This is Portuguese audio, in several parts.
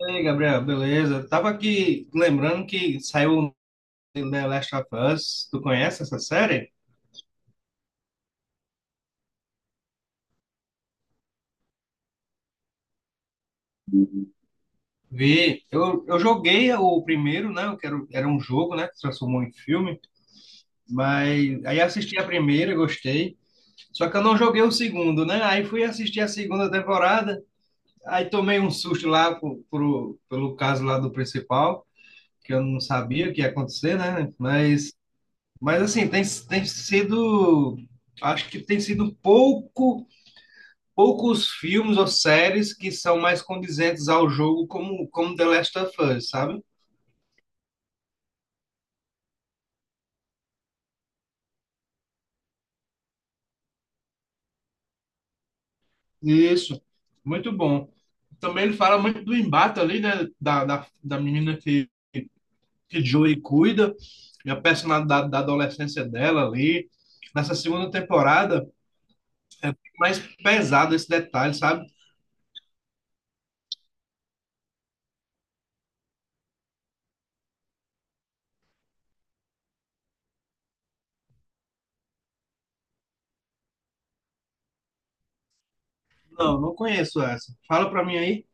E aí, Gabriel, beleza? Tava aqui lembrando que saiu The Last of Us. Tu conhece essa série? Vi. Eu joguei o primeiro, né? Era um jogo, né? Que se transformou em filme. Mas aí assisti a primeira, gostei. Só que eu não joguei o segundo, né? Aí fui assistir a segunda temporada. Aí tomei um susto lá pelo caso lá do principal, que eu não sabia o que ia acontecer, né? Mas assim, tem sido. Acho que tem sido pouco. Poucos filmes ou séries que são mais condizentes ao jogo, como The Last of Us, sabe? Isso, muito bom. Também ele fala muito do embate ali, né? Da menina que Joey cuida, e a personalidade da adolescência dela ali. Nessa segunda temporada é mais pesado esse detalhe, sabe? Não, não conheço essa. Fala pra mim aí.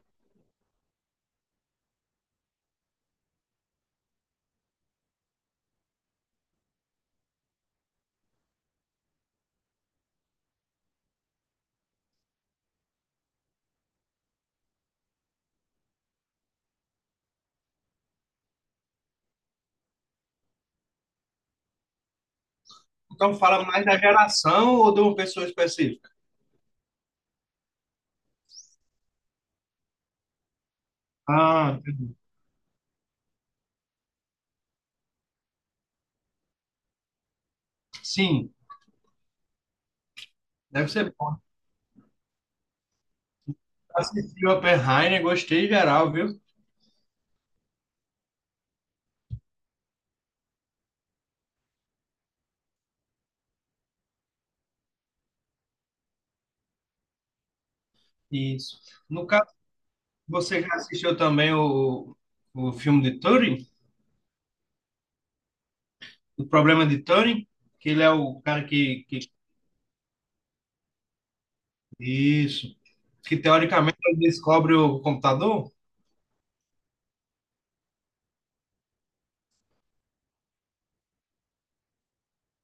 Então fala mais da geração ou de uma pessoa específica? Ah, entendi. Sim, deve ser. Assisti Oppenheimer, gostei geral, viu? Isso. No caso, você já assistiu também o filme de Turing? O problema de Turing? Que ele é o cara que... Isso. Que teoricamente ele descobre o computador?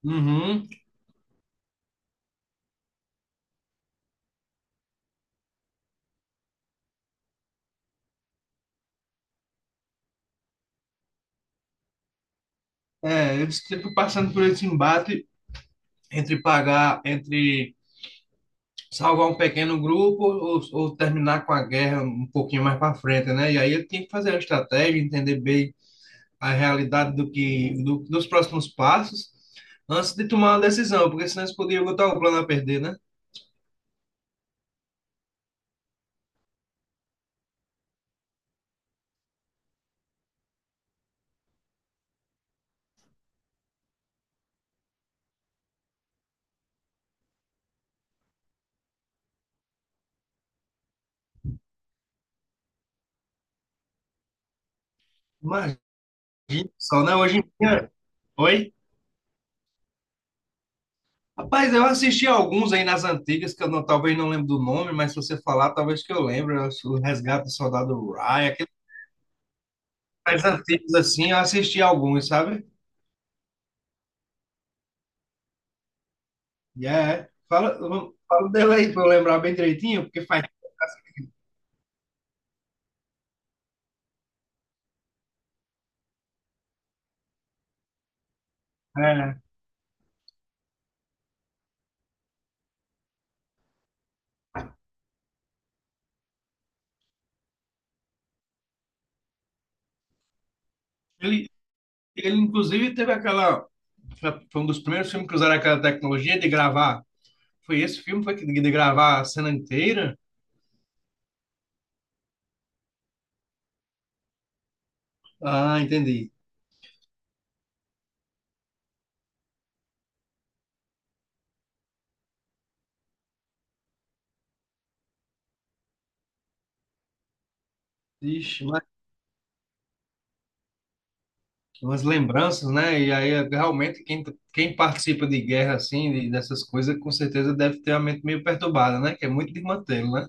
Uhum. É, eles sempre passando por esse embate entre pagar, entre salvar um pequeno grupo ou terminar com a guerra um pouquinho mais para frente, né? E aí ele tem que fazer a estratégia, entender bem a realidade do dos próximos passos antes de tomar uma decisão, porque senão eles poderiam botar o plano a perder, né? Imagina só, né? Hoje em dia. Oi? Rapaz, eu assisti alguns aí nas antigas, que eu não- talvez não lembro do nome, mas se você falar, talvez que eu lembre. Eu acho O Resgate do Soldado Ryan, aqueles mais antigos assim, eu assisti alguns, sabe? E é. Fala dele aí pra eu lembrar bem direitinho, porque faz. É. Ele, ele, inclusive, teve aquela. Foi um dos primeiros filmes que usaram aquela tecnologia de gravar. Foi esse filme foi que de gravar a cena inteira? Ah, entendi. Ixi, mas umas lembranças, né? E aí é, realmente quem participa de guerra assim, dessas coisas, com certeza deve ter a mente meio perturbada, né? Que é muito de mantê-lo, né?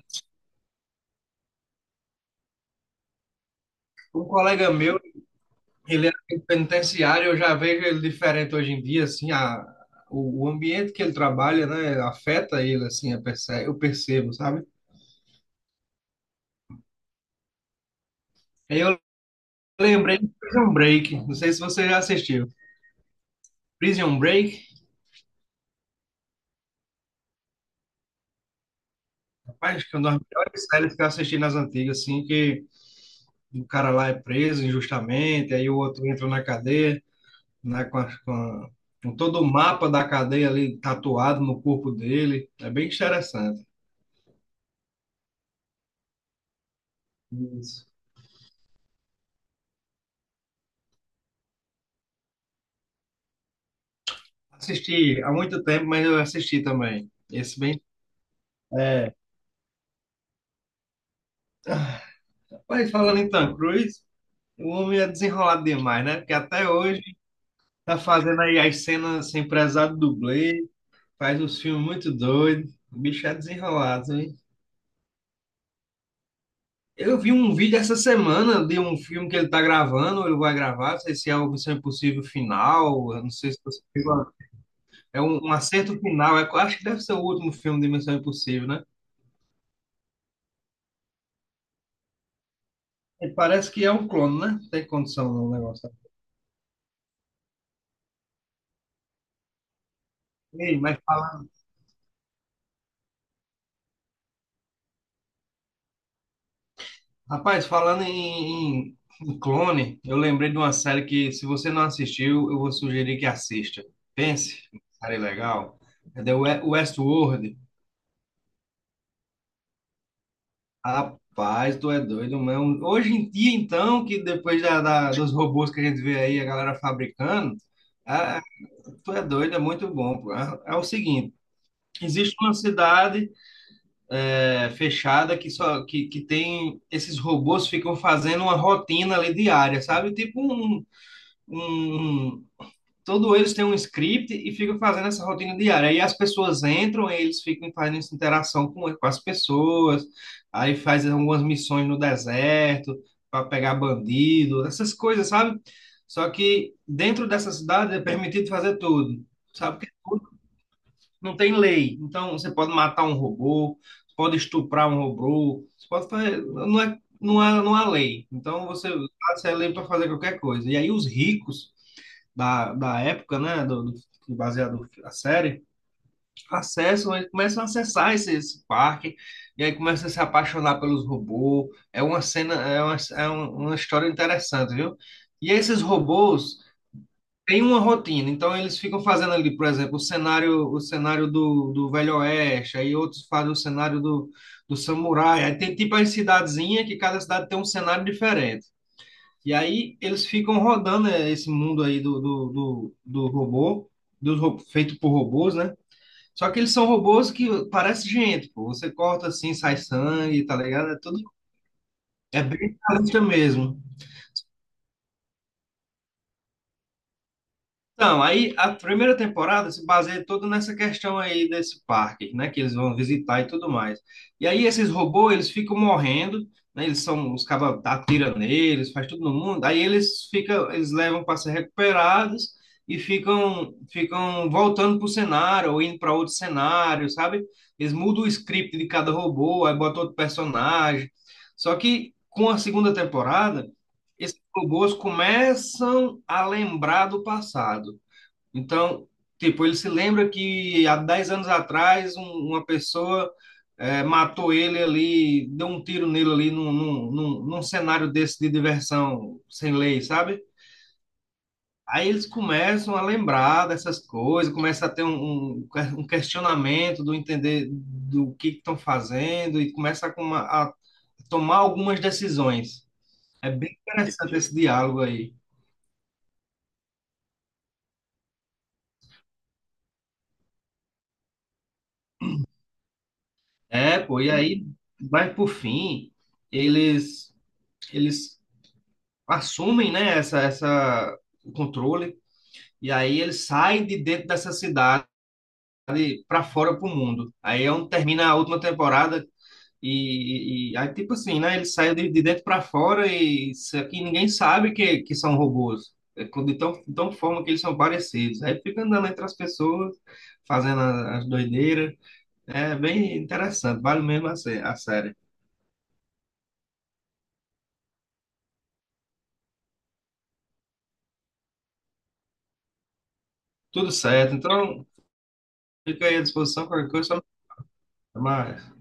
Um colega meu, ele é um penitenciário, eu já vejo ele diferente hoje em dia, assim, a, o ambiente que ele trabalha, né, afeta ele, assim, eu percebo, sabe? Aí eu lembrei de Prison Break, não sei se você já assistiu. Prison Break. Mas que é uma das melhores séries que eu assisti nas antigas, assim, que o cara lá é preso injustamente, aí o outro entra na cadeia, né, com, as- com, a- com todo o mapa da cadeia ali tatuado no corpo dele. É bem interessante. Isso. Assisti há muito tempo, mas eu assisti também. Esse bem. É. Mas falando em Tom Cruise, o homem é desenrolado demais, né? Porque até hoje tá fazendo aí as cenas sem prezar do dublê, faz uns filmes muito doidos. O bicho é desenrolado. Eu vi um vídeo essa semana de um filme que ele tá gravando, ou ele vai gravar, não sei se é o Missão Impossível Final, eu não sei se você viu. É um acerto final, é, acho que deve ser o último filme de Missão Impossível, né? E parece que é um clone, né? Tem condição no negócio. Ei, mas, rapaz, falando em, em clone, eu lembrei de uma série que, se você não assistiu, eu vou sugerir que assista. Pense, série legal. É Westworld. Rapaz, tu é doido, mano. Hoje em dia, então, que depois dos robôs que a gente vê aí, a galera fabricando, ah, tu é doido, é muito bom. Pô. É o seguinte, existe uma cidade é, fechada que só que tem esses robôs ficam fazendo uma rotina ali diária, sabe? Tipo um, todo eles têm um script e ficam fazendo essa rotina diária. Aí as pessoas entram, aí eles ficam fazendo essa interação com as pessoas, aí faz algumas missões no deserto para pegar bandido, essas coisas, sabe? Só que dentro dessa cidade é permitido fazer tudo, sabe? Porque tudo não tem lei. Então você pode matar um robô, você pode estuprar um robô, você pode fazer, não é, não há lei. Então você é lei para fazer qualquer coisa. E aí os ricos da época, né, do baseado na série, acessam, eles começam a acessar esse parque, e aí começam a se apaixonar pelos robôs. É uma cena, uma história interessante, viu? E esses robôs têm uma rotina, então eles ficam fazendo ali, por exemplo, o cenário do Velho Oeste, aí outros fazem o cenário do Samurai, aí tem tipo as cidadezinhas, que cada cidade tem um cenário diferente. E aí eles ficam rodando é, esse mundo aí do robô, feito por robôs, né? Só que eles são robôs que parece gente, pô. Você corta assim, sai sangue, tá ligado? É tudo. É bem realista mesmo. Então, aí a primeira temporada se baseia toda nessa questão aí desse parque, né, que eles vão visitar e tudo mais. E aí esses robôs, eles ficam morrendo, né, eles são, os cabas atiram neles, faz tudo no mundo, aí eles ficam, eles levam para ser recuperados e ficam voltando para o cenário ou indo para outro cenário, sabe? Eles mudam o script de cada robô, aí botam outro personagem. Só que com a segunda temporada, esses robôs começam a lembrar do passado. Então, tipo, ele se lembra que há 10 anos atrás uma pessoa matou ele ali, deu um tiro nele ali num cenário desse de diversão sem lei, sabe? Aí eles começam a lembrar dessas coisas, começa a ter um, um questionamento do entender do que estão fazendo e começa a, a tomar algumas decisões. É bem interessante esse diálogo aí. É, pô, e aí vai por fim, eles eles assumem, né, essa o controle e aí eles saem de dentro dessa cidade para fora pro mundo. Aí é onde termina a última temporada e aí tipo assim, né, eles saem de dentro para fora e isso aqui ninguém sabe que são robôs. De tão forma que eles são parecidos. Aí fica andando entre as pessoas, fazendo as doideiras. É bem interessante, vale mesmo a série. Tudo certo, então fica aí à disposição, qualquer coisa, só me chamar.